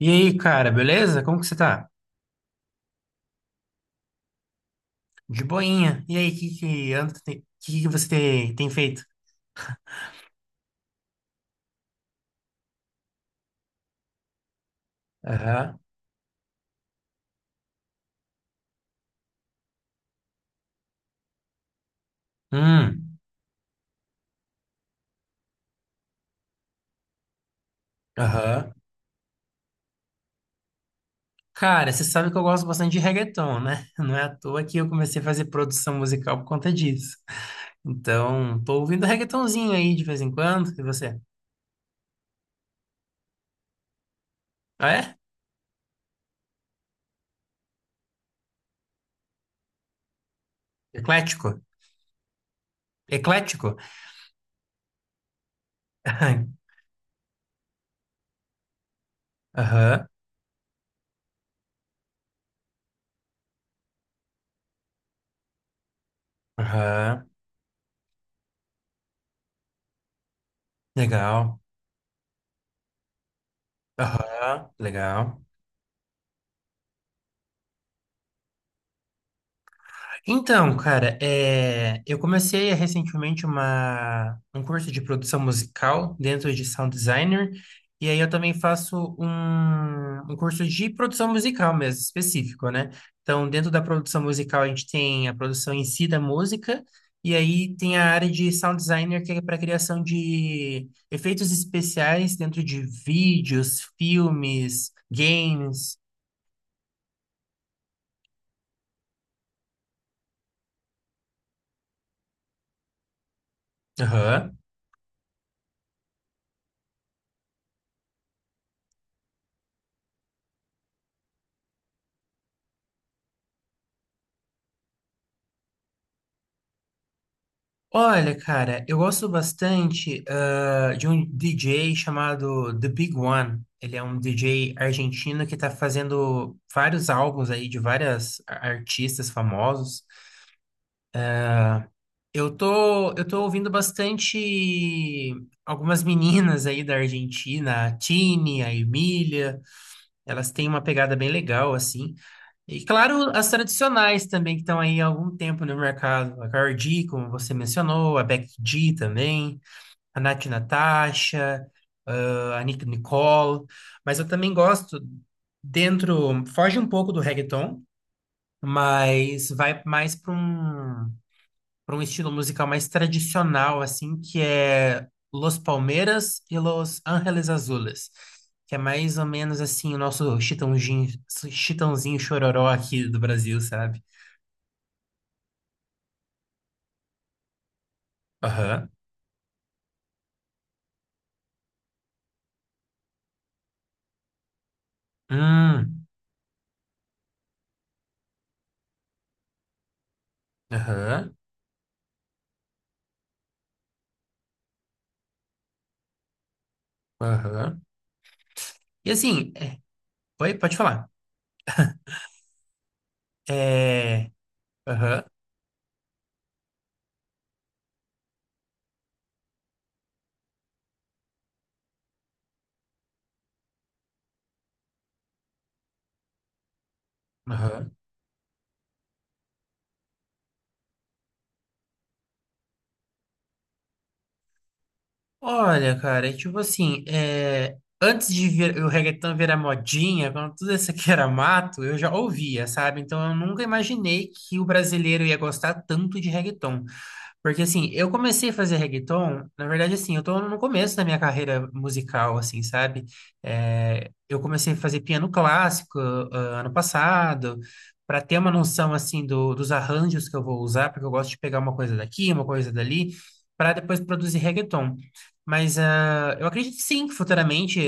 E aí, cara, beleza? Como que você tá? De boinha. E aí, o que que anda, que você tem feito? Aham. Hum. Aham. Cara, você sabe que eu gosto bastante de reggaeton, né? Não é à toa que eu comecei a fazer produção musical por conta disso. Então, tô ouvindo reggaetonzinho aí de vez em quando. E você? Ah, é? Eclético? Eclético? Aham. Aham. Aham. Legal. Aham. Legal. Então, cara, eu comecei recentemente um curso de produção musical dentro de sound designer, e aí eu também faço um curso de produção musical mesmo, específico, né? Então, dentro da produção musical, a gente tem a produção em si da música, e aí tem a área de sound designer, que é para criação de efeitos especiais dentro de vídeos, filmes, games. Aham. Olha, cara, eu gosto bastante de um DJ chamado The Big One. Ele é um DJ argentino que está fazendo vários álbuns aí de artistas famosos. Eu tô ouvindo bastante algumas meninas aí da Argentina, a Tini, a Emília. Elas têm uma pegada bem legal, assim. E claro, as tradicionais também, que estão aí há algum tempo no mercado. A Cardi, como você mencionou, a Becky G também. A Nath Natasha, a Nick Nicole, mas eu também gosto dentro, foge um pouco do reggaeton, mas vai mais para um estilo musical mais tradicional, assim, que é Los Palmeiras e Los Ángeles Azules, que é mais ou menos assim o nosso Chitãozinho, Chitãozinho Chororó aqui do Brasil, sabe? Aham. Hum, aham, aham. E assim, é, oi, pode falar. É, aham. Aham. Olha, cara, é tipo assim, é, antes de vir, o reggaeton virar modinha, quando tudo isso aqui era mato, eu já ouvia, sabe? Então eu nunca imaginei que o brasileiro ia gostar tanto de reggaeton. Porque assim, eu comecei a fazer reggaeton, na verdade assim, eu tô no começo da minha carreira musical, assim, sabe? Eu comecei a fazer piano clássico ano passado, para ter uma noção assim dos arranjos que eu vou usar, porque eu gosto de pegar uma coisa daqui, uma coisa dali, para depois produzir reggaeton. Mas eu acredito sim que futuramente,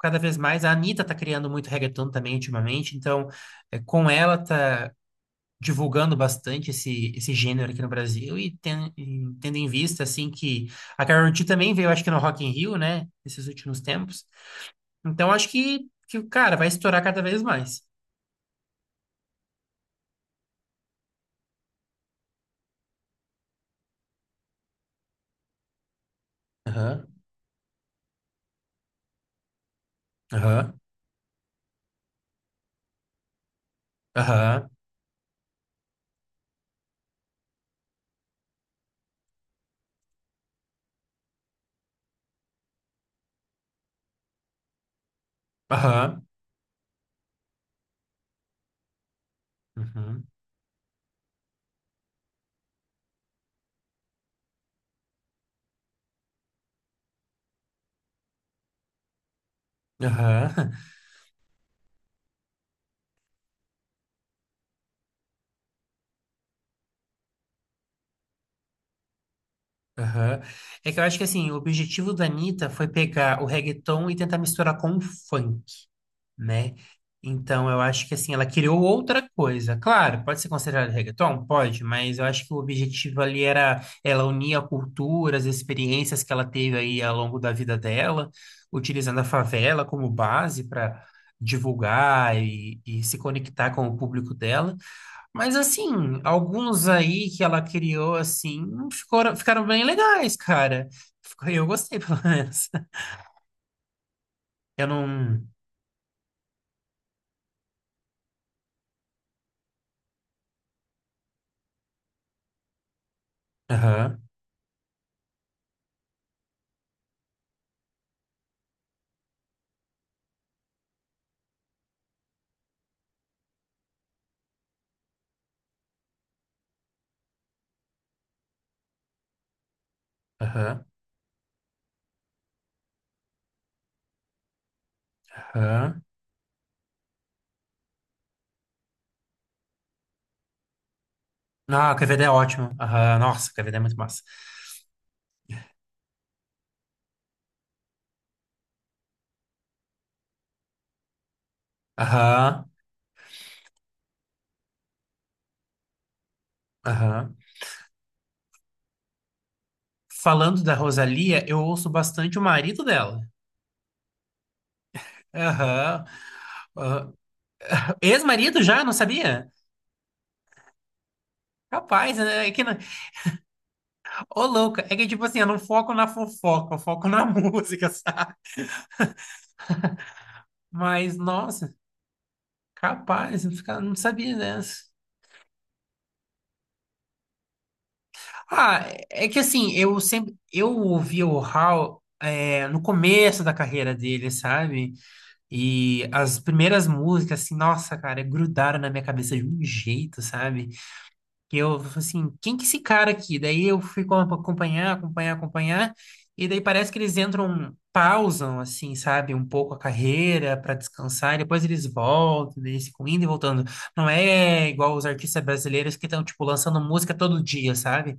cada vez mais, a Anitta tá criando muito reggaeton também ultimamente, então é, com ela tá divulgando bastante esse gênero aqui no Brasil e e tendo em vista, assim, que a Karol G também veio, acho que no Rock in Rio, né, nesses últimos tempos. Então, acho que cara, vai estourar cada vez mais. Aham, aham, aham, aham, uhum, aham, aham. É que eu acho que, assim, o objetivo da Anitta foi pegar o reggaeton e tentar misturar com o funk. Né? Então, eu acho que assim, ela criou outra coisa. Claro, pode ser considerado reggaeton? Pode, mas eu acho que o objetivo ali era ela unir a cultura, as experiências que ela teve aí ao longo da vida dela, utilizando a favela como base para divulgar e se conectar com o público dela. Mas assim, alguns aí que ela criou assim, ficaram bem legais, cara. Ficou- Eu gostei, pelo menos. Eu não. Aham, aham, aham. Ah, o KVD é ótimo. Aham, nossa, o KVD é muito massa. Aham, aham. Falando da Rosalia, eu ouço bastante o marido dela. Aham. Aham. Ex-marido já, não sabia? Capaz, né? É que não... Ô, louca, é que tipo assim, eu não foco na fofoca, eu foco na música, sabe? Mas, nossa, capaz, não sabia dessa. Ah, é que assim, eu sempre... Eu ouvi o Hal, é, no começo da carreira dele, sabe? E as primeiras músicas, assim, nossa, cara, grudaram na minha cabeça de um jeito, sabe? Que eu, falei assim, quem que é esse cara aqui? Daí eu acompanhar, acompanhar, acompanhar, e daí parece que eles entram, pausam, assim, sabe? Um pouco a carreira para descansar, e depois eles voltam, daí eles ficam indo e voltando. Não é igual os artistas brasileiros que estão, tipo, lançando música todo dia, sabe?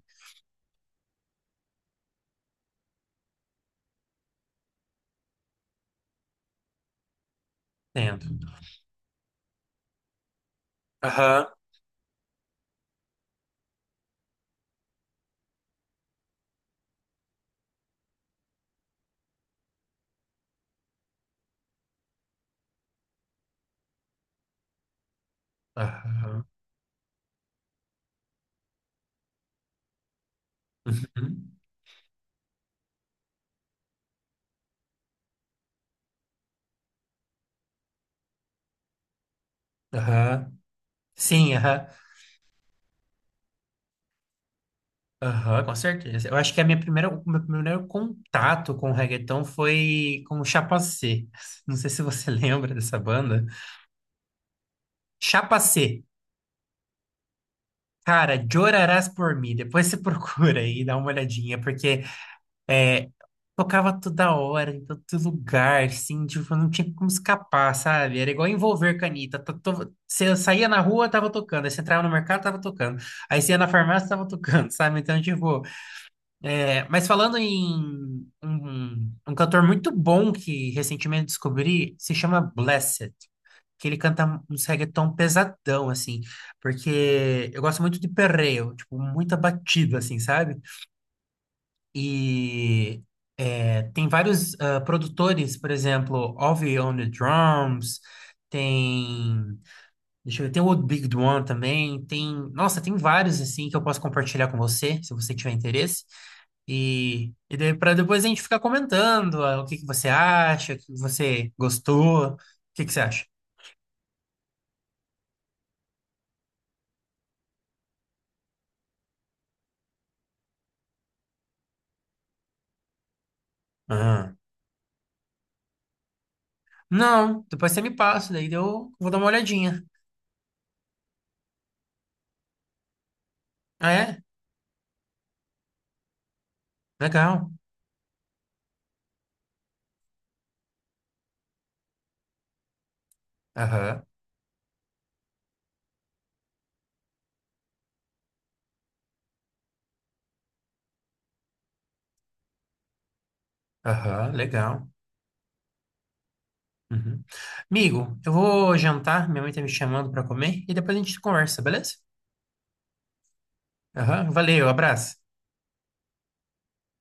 Dentro. Aham. Aham. Uhum. Aham. Sim, aham. Aham, com certeza. Eu acho que a o meu primeiro contato com o reggaeton foi com o Chapacê. Não sei se você lembra dessa banda. Chapacê. Cara, Chorarás por mim. Depois você procura aí, e dá uma olhadinha, porque é, tocava toda hora, em todo lugar, assim, tipo, não tinha como escapar, sabe? Era igual envolver canita. Tá to- Você saía na rua, tava tocando. Aí você entrava no mercado, tava tocando. Aí você ia na farmácia, tava tocando, sabe? Então, tipo. É, mas falando em um cantor muito bom que recentemente descobri, se chama Blessed, que ele canta uns reggaeton pesadão, assim, porque eu gosto muito de perreo, tipo, muita batida, assim, sabe? E é, tem vários produtores, por exemplo, Ovy on the Drums, tem deixa eu ver. Tem o Old Big One também. Tem, nossa, tem vários assim que eu posso compartilhar com você, se você tiver interesse. E daí para depois a gente ficar comentando o que que você acha, o que você gostou, o que que você acha? Ah. Não, depois você me passa, daí eu vou dar uma olhadinha. Ah, é? Legal. Aham, aham, legal. Uhum. Amigo, eu vou jantar, minha mãe tá me chamando para comer e depois a gente conversa, beleza? Aham, valeu, abraço.